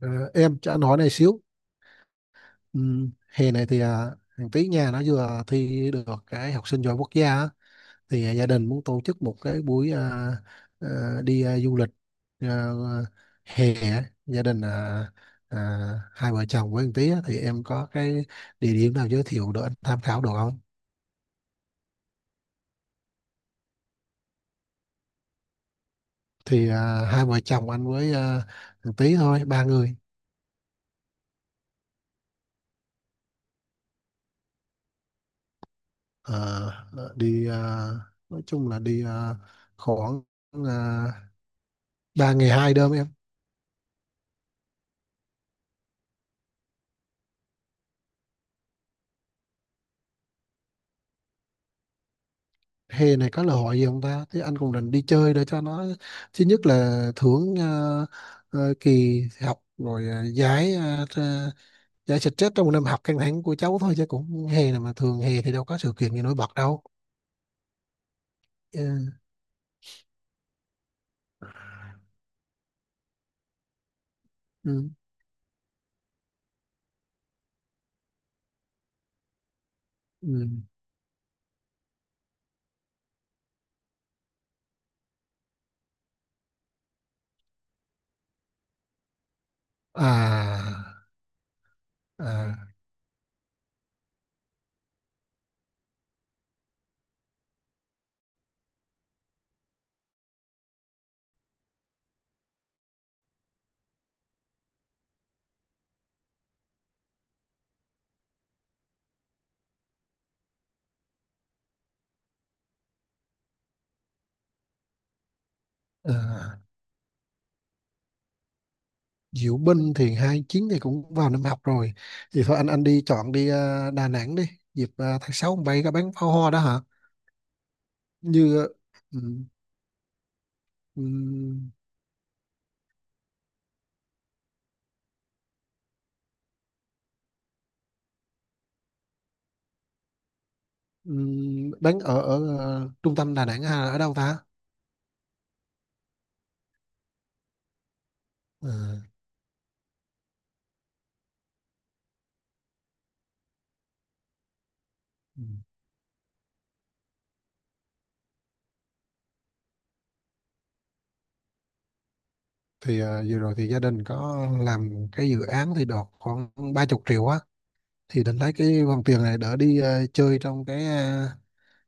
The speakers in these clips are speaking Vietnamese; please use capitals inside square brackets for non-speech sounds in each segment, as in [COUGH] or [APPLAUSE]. Ờ, em cho anh hỏi này xíu. ừ, Hè này thì thằng tí nhà nó vừa thi được cái học sinh giỏi quốc gia á. Thì gia đình muốn tổ chức một cái buổi à, đi du lịch à, hè á. Gia đình à, hai vợ chồng với thằng tí á, thì em có cái địa điểm nào giới thiệu để anh tham khảo được không? Thì hai vợ chồng anh với thằng tí thôi, 3 người. Ờ, Đi nói chung là đi khoảng à, 3 ngày 2 đêm em. Hè này có lễ hội gì không ta? Thế anh cũng định đi chơi để cho nó thứ nhất là thưởng kỳ học rồi, giải giải stress trong một năm học căng thẳng của cháu thôi, chứ cũng hè này mà thường hè thì đâu có sự kiện gì nổi bật đâu. Ừ, ừ, ừ. À, à, à. Diệu Binh thì 29 thì cũng vào năm học rồi, thì thôi anh đi chọn đi Đà Nẵng đi. Dịp tháng 6 bay có bắn pháo hoa đó hả? Như. Ừ, ừ. Đánh ở ở ờ, trung tâm Đà Nẵng hay là ở đâu ta? Ờ, ừ. Thì vừa rồi thì gia đình có làm cái dự án thì đọt khoảng 30 triệu á, thì định lấy cái vòng tiền này đỡ đi chơi trong cái ờ,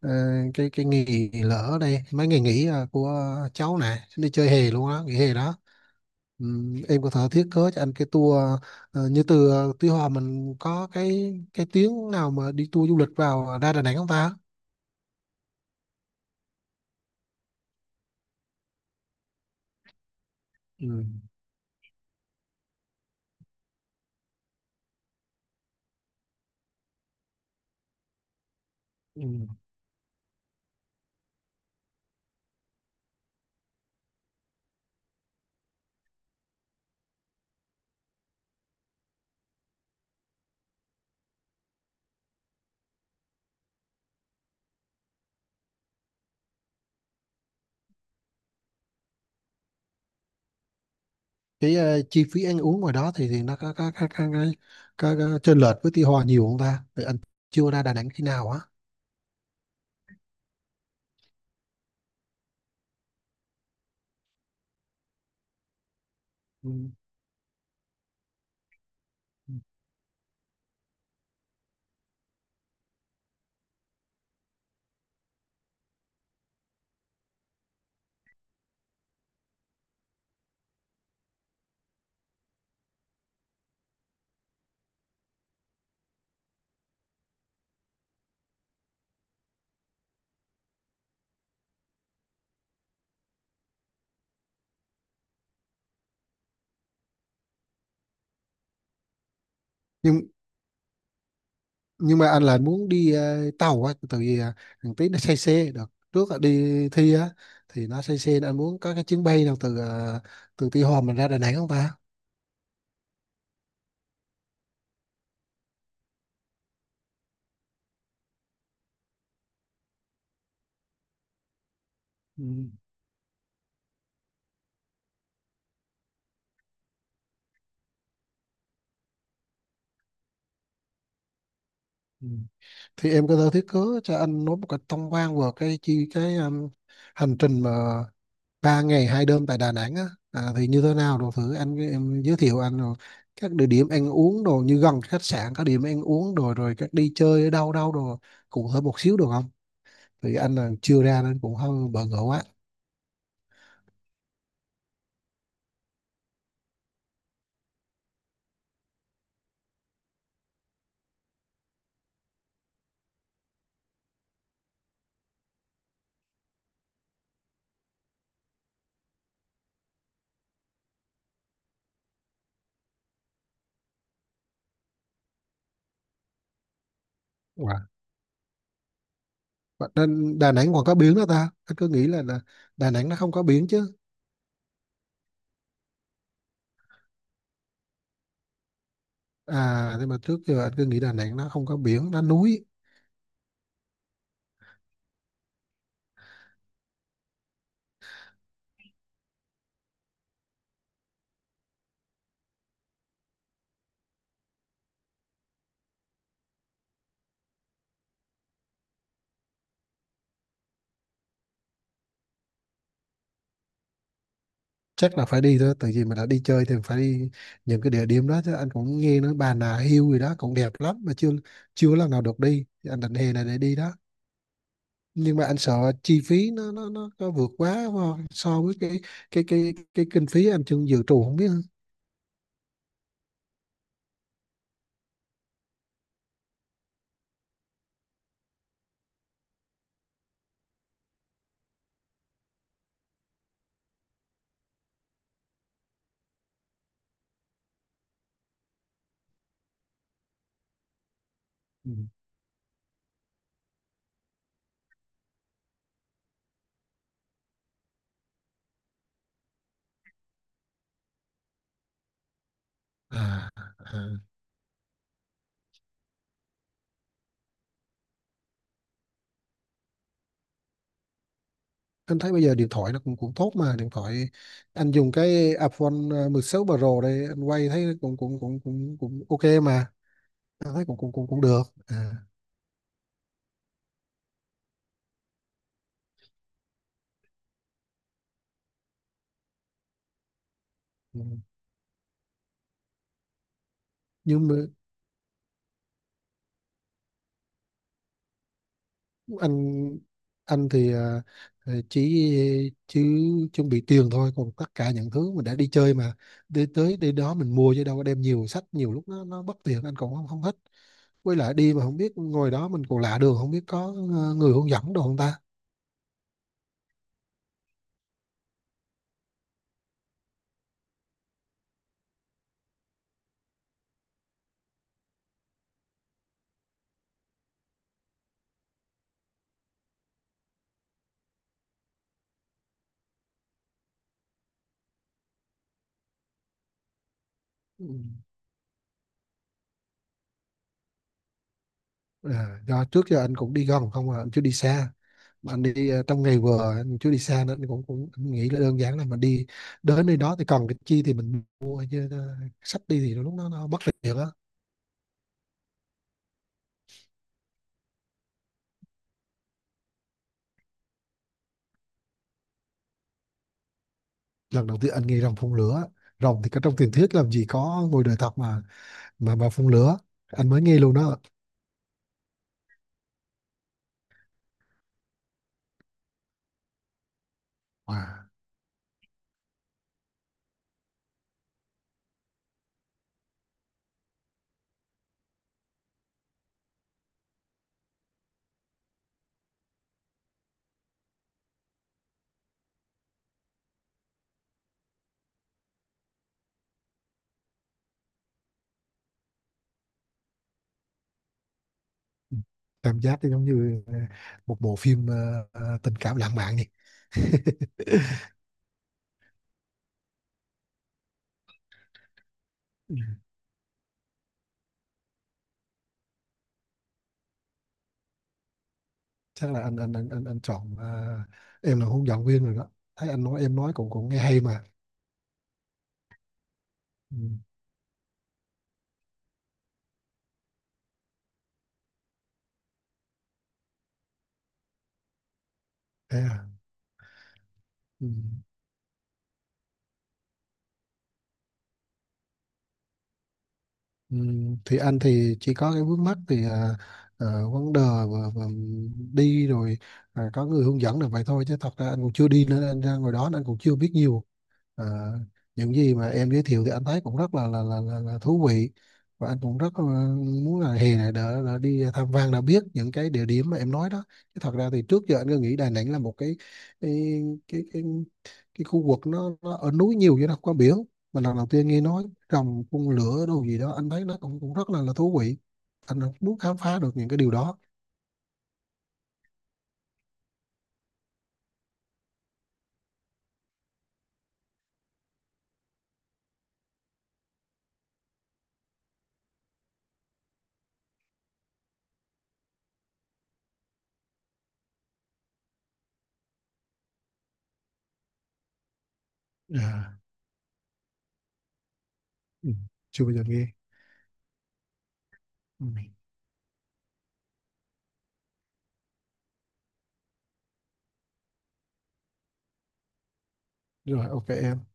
ờ, cái nghỉ lỡ ở đây mấy ngày nghỉ của cháu này đi chơi hè luôn á, nghỉ hè đó. Em có thể thiết kế cho anh cái tour như từ Tuy Hòa, mình có cái tuyến nào mà đi tour du lịch vào ra Đà Nẵng không ta? Ừ. Ừ. Cái chi phí ăn uống ngoài đó thì nó có chênh lệch với Tuy Hòa nhiều không ta? Thì anh chưa ra Đà Nẵng khi nào á? Ừ. Nhưng nhưng mà anh lại muốn đi tàu á, tại vì thằng Tí nó say xe được trước là đi thi á, thì nó say xe nên anh muốn có cái chuyến bay nào từ từ Tuy Hòa mình ra Đà Nẵng không ta? Ừ. Ừ. Thì em có thể thiết kế cho anh nói một cách tổng quan về cái hành trình mà 3 ngày 2 đêm tại Đà Nẵng á, thì như thế nào đồ, thử anh em giới thiệu anh rồi các địa điểm ăn uống đồ như gần khách sạn, các điểm ăn uống đồ rồi các đi chơi ở đâu đâu đồ, cụ thể một xíu được không? Thì anh là chưa ra nên cũng hơi bỡ ngỡ quá. Wow. Nên Đà Nẵng còn có biển đó ta, anh cứ nghĩ là Đà Nẵng nó không có biển chứ. À, nhưng mà trước giờ anh cứ nghĩ Đà Nẵng nó không có biển, nó núi. Chắc là phải đi thôi, tại vì mình đã đi chơi thì phải đi những cái địa điểm đó chứ. Anh cũng nghe nói Bà Nà Hills gì đó cũng đẹp lắm mà chưa chưa lần nào được đi. Thì anh định hè này để đi đó, nhưng mà anh sợ chi phí nó vượt quá so so với cái kinh phí anh chưa dự trù không biết hả? Ừ. À, à. Anh thấy bây giờ điện thoại nó cũng cũng tốt mà, điện thoại anh dùng cái iPhone 16 Pro đây, anh quay thấy cũng cũng cũng cũng cũng ok mà, anh thấy cũng cũng cũng cũng được à. Ừ. Nhưng mà anh anh thì ờ, chỉ chỉ chuẩn bị tiền thôi, còn tất cả những thứ mình đã đi chơi mà đi tới đi đó mình mua chứ đâu có đem nhiều sách, nhiều lúc nó bất tiện anh cũng không không thích. Với lại đi mà không biết ngồi đó mình còn lạ đường, không biết có người hướng dẫn đồ không ta? Ừ. À, do trước giờ anh cũng đi gần không à, anh chưa đi xa, mà anh đi trong ngày vừa, anh chưa đi xa nên anh cũng cũng anh nghĩ là đơn giản là mình đi đến nơi đó thì cần cái chi thì mình mua chứ, sách đi thì lúc đó nó bất tiện á. Lần đầu tiên anh nghe rồng phun lửa, rồng thì có trong truyền thuyết làm gì có ngoài đời thật mà, mà phun lửa anh mới nghe luôn đó. Wow. Cảm giác thì giống như một bộ phim tình cảm lãng mạn nhỉ. [LAUGHS] Ừ. Chắc là anh chọn em là hướng dẫn viên rồi đó, thấy anh nói em nói cũng cũng nghe hay mà. Ừ. Thế à? Ừ. Thì anh thì chỉ có cái vướng mắc thì vấn đề và đi rồi, có người hướng dẫn là vậy thôi chứ thật ra anh cũng chưa đi nữa, anh ra ngồi đó nên anh cũng chưa biết nhiều. à, những gì mà em giới thiệu thì anh thấy cũng rất là thú vị, và anh cũng rất là muốn là hè này đã đi tham quan đã biết những cái địa điểm mà em nói đó. Chứ thật ra thì trước giờ anh cứ nghĩ Đà Nẵng là một cái cái cái khu vực nó ở núi nhiều chứ nó không có biển, mà lần đầu tiên nghe nói trồng phun lửa đâu gì đó anh thấy nó cũng cũng rất là thú vị, anh muốn khám phá được những cái điều đó. À, ừ. Chưa bao giờ nghe. Ừ. Rồi, ok em.